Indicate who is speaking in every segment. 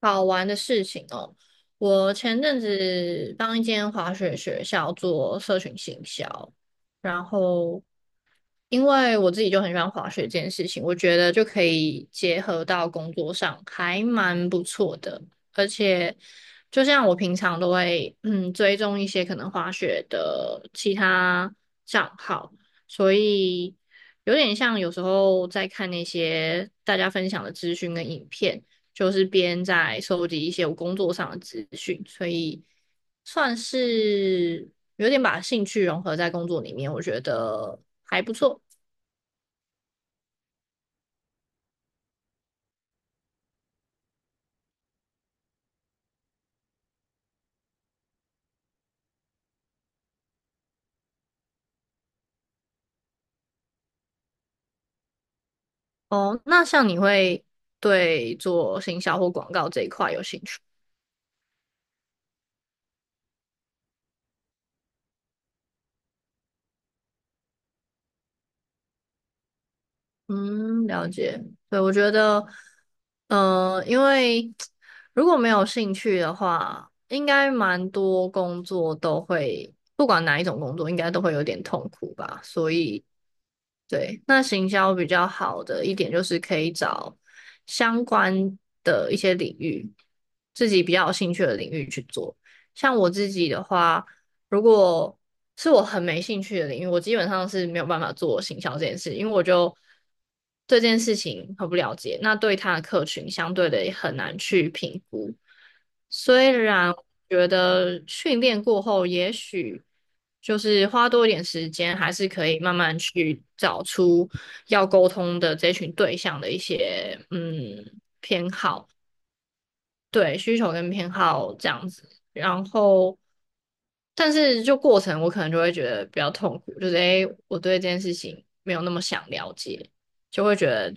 Speaker 1: 好玩的事情哦。我前阵子帮一间滑雪学校做社群行销，然后因为我自己就很喜欢滑雪这件事情，我觉得就可以结合到工作上，还蛮不错的。而且，就像我平常都会追踪一些可能滑雪的其他账号，所以有点像有时候在看那些大家分享的资讯跟影片，就是边在收集一些我工作上的资讯，所以算是有点把兴趣融合在工作里面，我觉得。哦，那像你会对做行销或广告这一块有兴趣？嗯，了解。对，我觉得，因为如果没有兴趣的话，应该蛮多工作都会，不管哪一种工作，应该都会有点痛苦吧。所以，对，那行销比较好的一点就是可以找相关的一些领域，自己比较有兴趣的领域去做。像我自己的话，如果是我很没兴趣的领域，我基本上是没有办法做行销这件事，因为我就对这件事情很不了解，那对他的客群相对的也很难去评估。虽然我觉得训练过后，也许就是花多一点时间，还是可以慢慢去找出要沟通的这群对象的一些对，需求跟偏好这样子。然后，但是就过程我可能就会觉得比较痛苦，就是诶，我对这件事情没有那么想了解，就会觉得。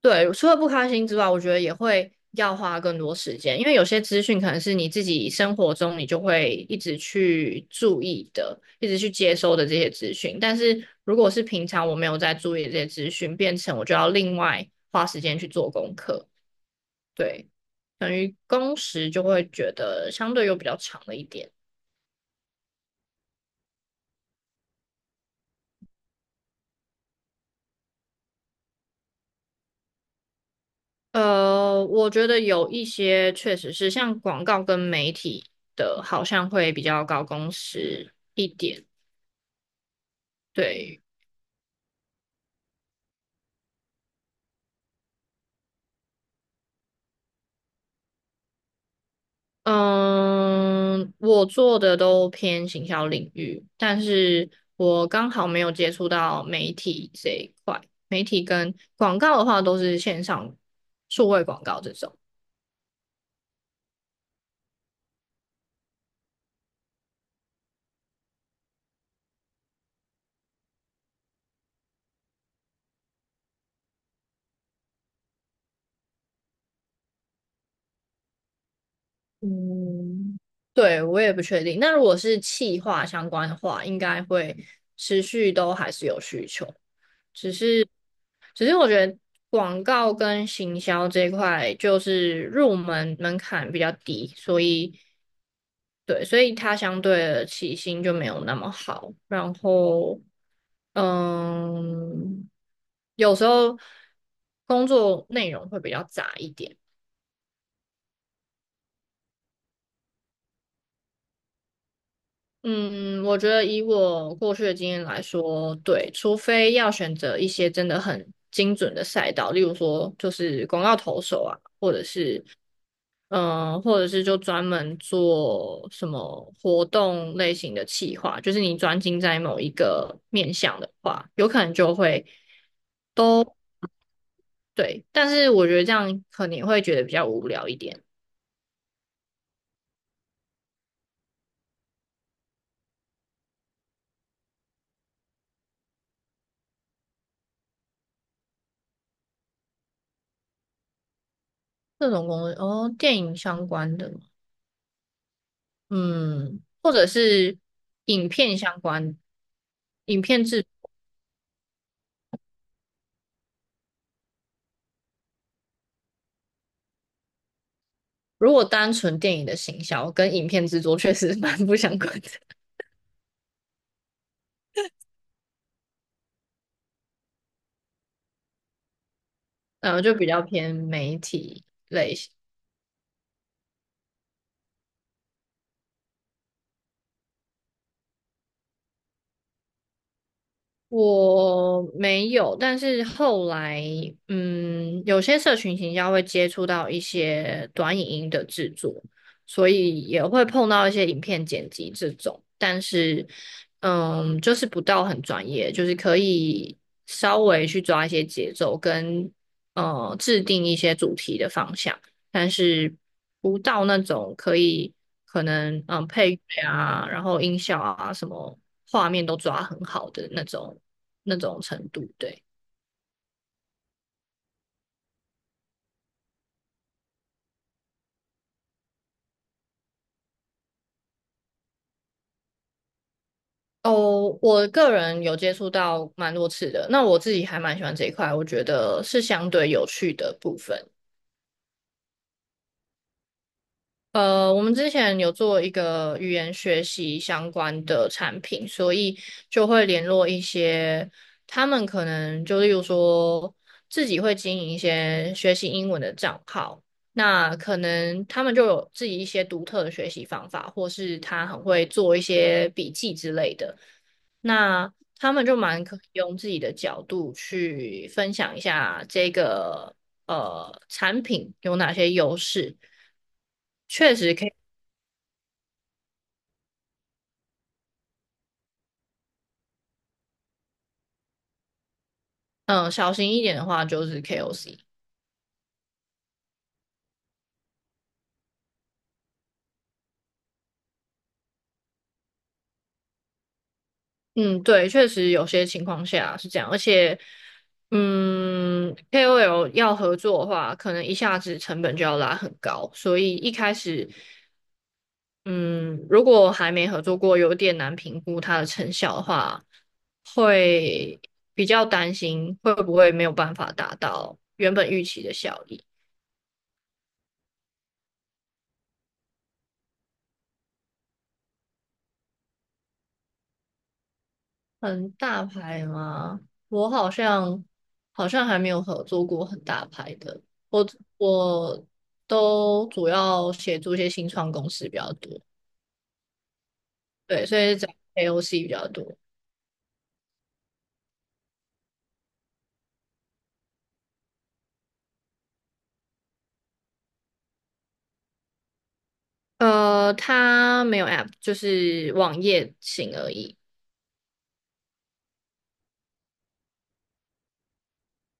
Speaker 1: 对，除了不开心之外，我觉得也会要花更多时间，因为有些资讯可能是你自己生活中你就会一直去注意的，一直去接收的这些资讯，但是如果是平常我没有在注意这些资讯，变成我就要另外花时间去做功课。对，等于工时就会觉得相对又比较长了一点。我觉得有一些确实是像广告跟媒体的，好像会比较高工时一点。对，嗯，我做的都偏行销领域，但是我刚好没有接触到媒体这一块。媒体跟广告的话，都是线上数位广告这种。嗯，对，我也不确定。那如果是企划相关的话，应该会持续都还是有需求，只是，只是我觉得广告跟行销这一块就是入门门槛比较低，所以，对，所以它相对的起薪就没有那么好。然后，嗯，有时候工作内容会比较杂一点。嗯，我觉得以我过去的经验来说，对，除非要选择一些真的很精准的赛道，例如说就是广告投手啊，或者是或者是就专门做什么活动类型的企划，就是你专精在某一个面向的话，有可能就会都。对，但是我觉得这样可能会觉得比较无聊一点。这种工作哦，电影相关的吗，嗯，或者是影片相关。影片制，如果单纯电影的行销跟影片制作确实蛮不相关的，就比较偏媒体。我没有，但是后来，有些社群行销会接触到一些短影音的制作，所以也会碰到一些影片剪辑这种，但是，就是不到很专业，就是可以稍微去抓一些节奏跟，制定一些主题的方向，但是不到那种可以，可能，配乐啊，然后音效啊，什么画面都抓很好的那种。那种程度。对。哦，我个人有接触到蛮多次的，那我自己还蛮喜欢这一块，我觉得是相对有趣的部分。我们之前有做一个语言学习相关的产品，所以就会联络一些，他们可能就例如说自己会经营一些学习英文的账号，那可能他们就有自己一些独特的学习方法，或是他很会做一些笔记之类的。那他们就蛮可以用自己的角度去分享一下这个产品有哪些优势，确实可以。嗯、小心一点的话就是 KOC。嗯，对，确实有些情况下是这样，而且KOL 要合作的话，可能一下子成本就要拉很高，所以一开始，嗯，如果还没合作过，有点难评估它的成效的话，会比较担心会不会没有办法达到原本预期的效益。很大牌吗？我好像还没有合作过很大牌的，我我都主要协助一些新创公司比较多，对，所以找 AOC 比较多。它没有 App，就是网页型而已。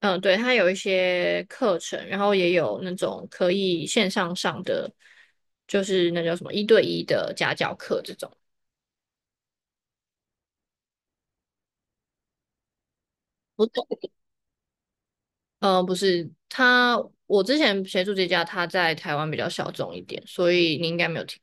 Speaker 1: 嗯，对，它有一些课程，然后也有那种可以线上上的，就是那叫什么一对一的家教课这种。不是，不是，我之前协助这家，他在台湾比较小众一点，所以你应该没有听。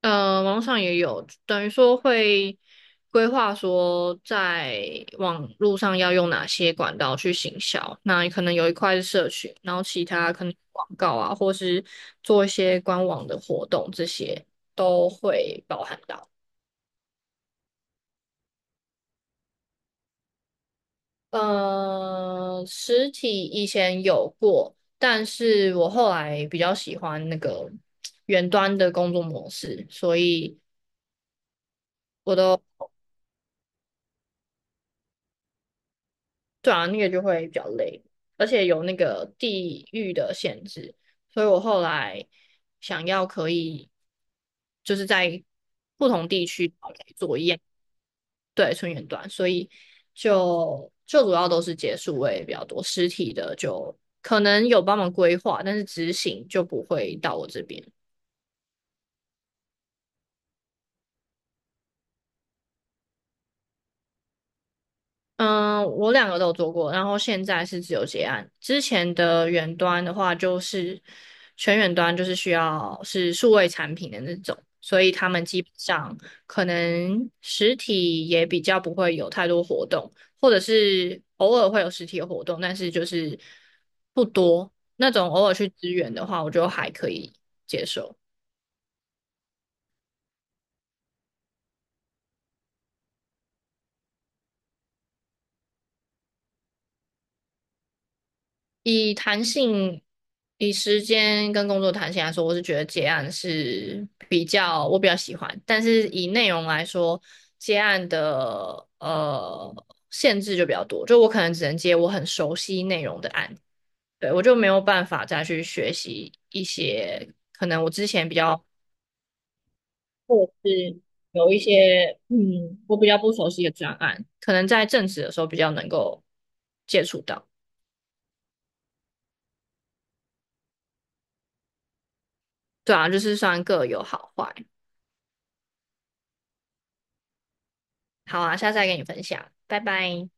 Speaker 1: 网络上也有，等于说会规划说在网络上要用哪些管道去行销。那可能有一块是社群，然后其他可能广告啊，或是做一些官网的活动，这些都会包含到。实体以前有过，但是我后来比较喜欢那个远端的工作模式，所以我都。对啊，那个就会比较累，而且有那个地域的限制，所以我后来想要可以就是在不同地区做一样，对，纯远端，所以就主要都是结束位比较多，实体的就可能有帮忙规划，但是执行就不会到我这边。嗯，我两个都有做过，然后现在是自由结案。之前的远端的话，就是全远端，就是需要是数位产品的那种，所以他们基本上可能实体也比较不会有太多活动，或者是偶尔会有实体的活动，但是就是不多。那种偶尔去支援的话，我就还可以接受。以弹性、以时间跟工作弹性来说，我是觉得接案是比较我比较喜欢，但是以内容来说，接案的限制就比较多，就我可能只能接我很熟悉内容的案，对，我就没有办法再去学习一些可能我之前比较，或者是有一些我比较不熟悉的专案，可能在正职的时候比较能够接触到。对啊，就是算各有好坏。好啊，下次再跟你分享，拜拜。